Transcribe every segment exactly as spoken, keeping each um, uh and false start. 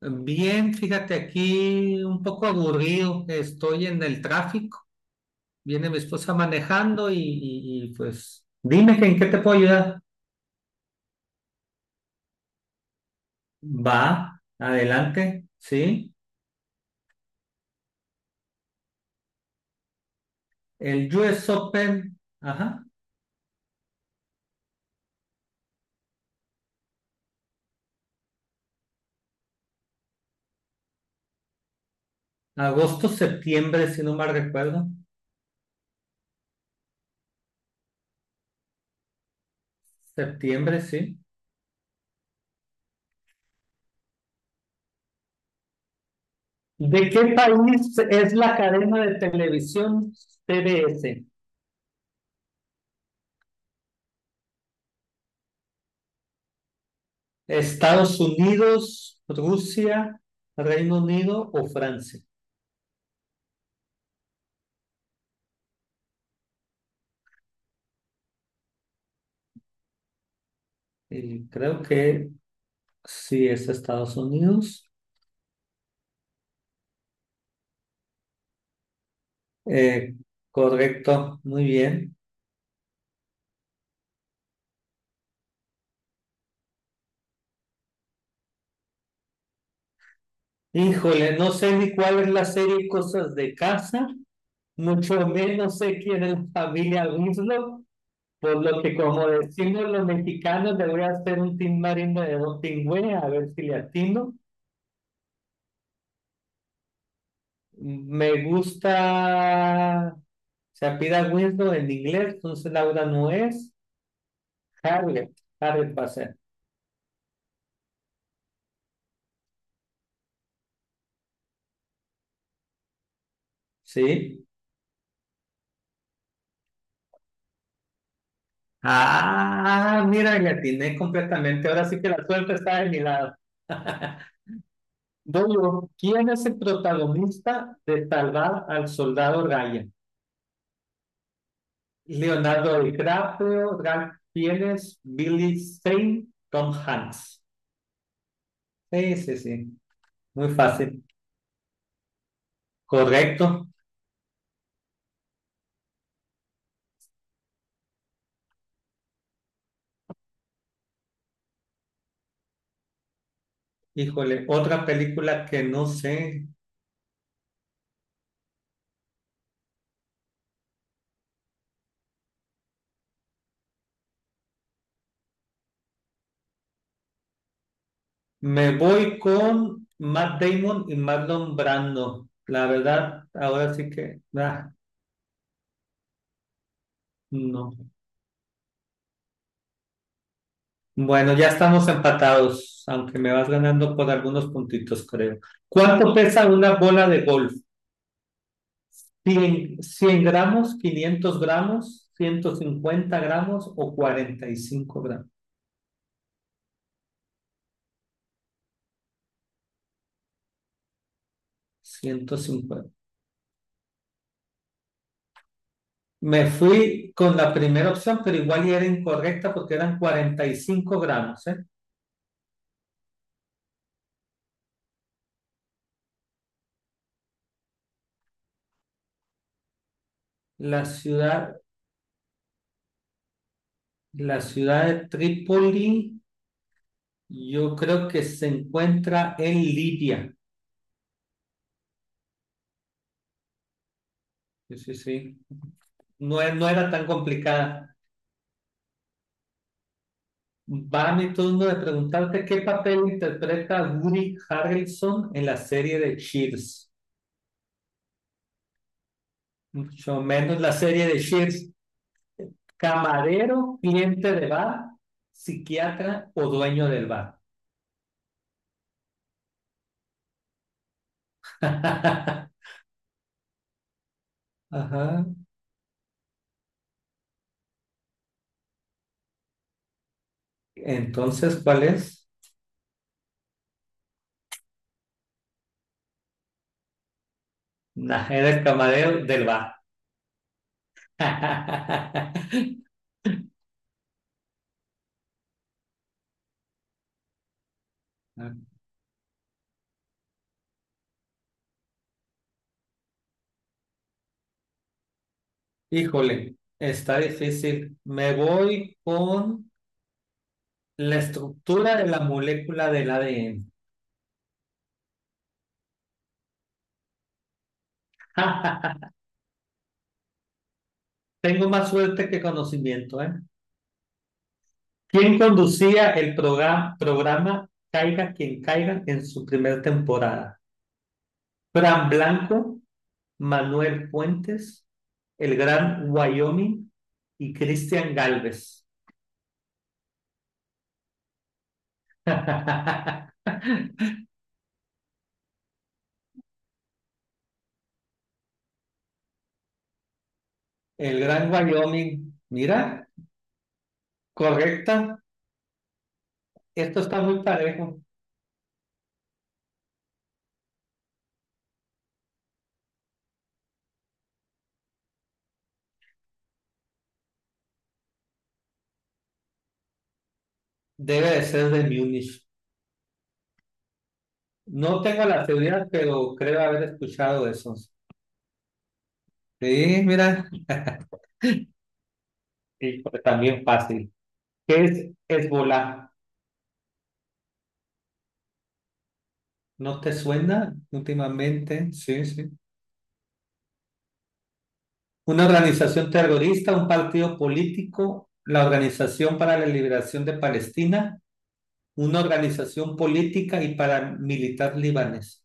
Bien, fíjate aquí un poco aburrido, estoy en el tráfico, viene mi esposa manejando y, y- y, pues dime que en qué te puedo ayudar. Va, adelante, sí. El U S Open, ajá, agosto, septiembre, si no mal recuerdo, septiembre, sí. ¿De qué país es la cadena de televisión T B S? ¿Estados Unidos, Rusia, Reino Unido o Francia? Y creo que sí, es Estados Unidos. Eh, Correcto, muy bien. Híjole, no sé ni cuál es la serie Cosas de Casa, mucho menos sé quién es la familia Winslow, por lo que como decimos los mexicanos, le voy a hacer un timbarino de un pingüe, a ver si le atino. Me gusta se apida Winslow en inglés, entonces Laura no es. Harriet, Harriet va a ser. Sí. Ah, mira, le atiné completamente. Ahora sí que la suerte está de mi lado. Dolo, ¿quién es el protagonista de Salvar al Soldado Ryan? Leonardo DiCaprio, Ralph Fiennes, Billy Zane, Tom Hanks. Sí, sí, sí. Muy fácil. Correcto. Híjole, otra película que no sé. Me voy con Matt Damon y Marlon Brando. La verdad, ahora sí que, ah, no. Bueno, ya estamos empatados, aunque me vas ganando por algunos puntitos, creo. ¿Cuánto pesa una bola de golf? ¿cien, cien gramos, quinientos gramos, ciento cincuenta gramos o cuarenta y cinco gramos? ciento cincuenta. Me fui con la primera opción, pero igual y era incorrecta porque eran cuarenta y cinco gramos, ¿eh? La ciudad, la ciudad de Trípoli, yo creo que se encuentra en Libia. Sí, sí, sí. No, e- no era tan complicada. Va mi turno de preguntarte qué papel interpreta Woody Harrelson en la serie de Cheers. Mucho menos la serie de Cheers. Camarero, cliente de bar, psiquiatra o dueño del bar. Ajá. Entonces, ¿cuál es? Nah, era el camarero del bar. Híjole, está difícil. Me voy con la estructura de la molécula del A D N. Tengo más suerte que conocimiento, ¿eh? ¿Quién conducía el proga- programa Caiga quien caiga en su primera temporada? Fran Blanco, Manuel Fuentes, el gran Wyoming y Cristian Galvez. El gran Wyoming, mira, correcta. Esto está muy parejo. Debe de ser de Múnich. No tengo la seguridad, pero creo haber escuchado eso. Sí, mira, y también fácil. ¿Qué es Hezbolá? ¿No te suena últimamente? Sí, sí. Una organización terrorista, un partido político, la Organización para la Liberación de Palestina, una organización política y paramilitar libanés.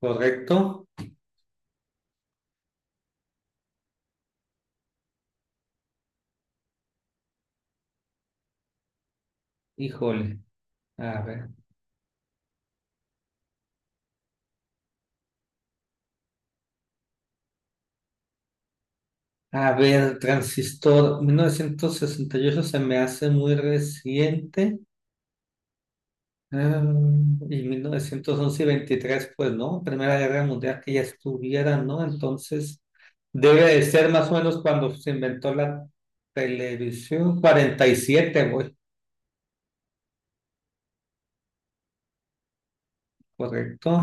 ¿Correcto? Híjole. A ver. A ver, transistor, mil novecientos sesenta y ocho se me hace muy reciente. Ah, y mil novecientos once y veintitrés, pues, ¿no? Primera Guerra Mundial que ya estuviera, ¿no? Entonces, debe de ser más o menos cuando se inventó la televisión, cuarenta y siete, güey, correcto.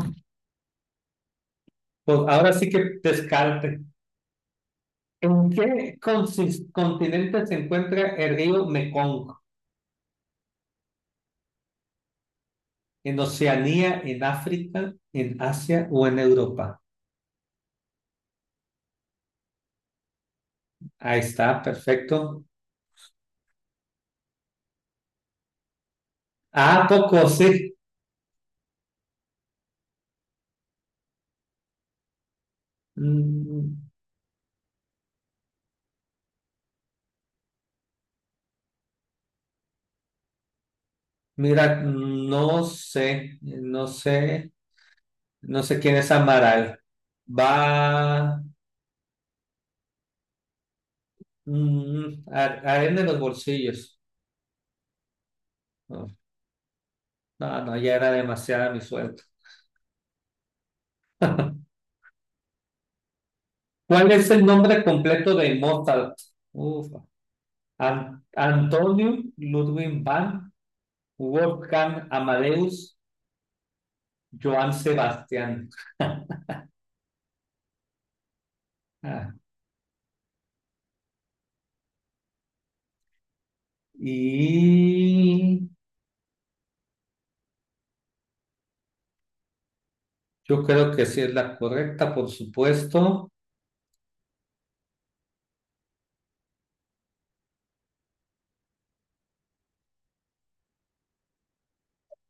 Pues ahora sí que descarte. ¿En qué consis- continente se encuentra el río Mekong? ¿En Oceanía, en África, en Asia o en Europa? Ahí está, perfecto. Ah, poco, sí. Mm, Mira, no sé, no sé, no sé quién es Amaral. Va mm, a- arena en los bolsillos. No, no, no, ya era demasiada mi suerte. ¿Cuál es el nombre completo de Mozart? Uf. An- Antonio Ludwig van Wolfgang Amadeus Johann Sebastián. Ah, y yo creo que sí es la correcta, por supuesto.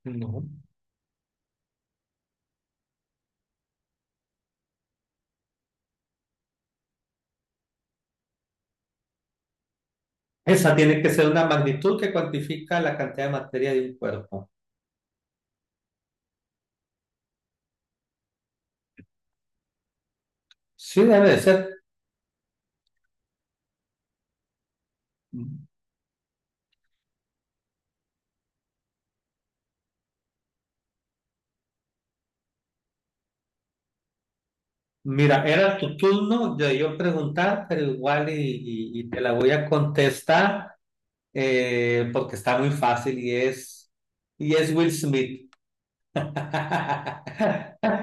No. Esa tiene que ser una magnitud que cuantifica la cantidad de materia de un cuerpo. Sí, debe de ser. Mira, era tu turno de yo preguntar, pero igual y, y- y te la voy a contestar eh, porque está muy fácil y es, y es Will Smith.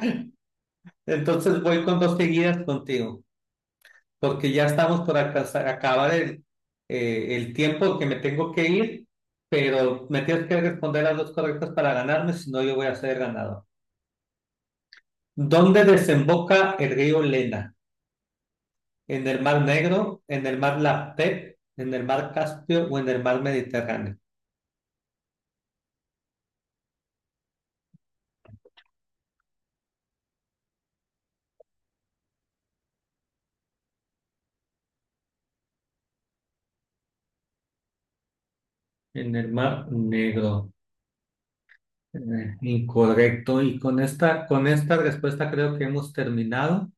Entonces voy con dos seguidas contigo, porque ya estamos por alcanzar- acabar el, eh, el tiempo que me tengo que ir, pero me tienes que responder las dos correctas para ganarme, si no yo voy a ser ganador. ¿Dónde desemboca el río Lena? ¿En el Mar Negro, en el Mar Laptev, en el Mar Caspio o en el Mar Mediterráneo? En el Mar Negro. Eh, incorrecto. Y con esta, con esta respuesta creo que hemos terminado.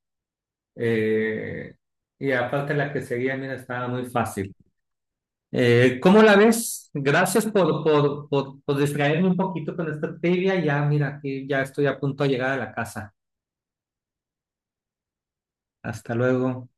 Eh, y aparte la que seguía, mira, estaba muy fácil. Eh, ¿cómo la ves? Gracias por, por, por, por distraerme un poquito con esta trivia. Ya, mira, aquí ya estoy a punto de llegar a la casa. Hasta luego.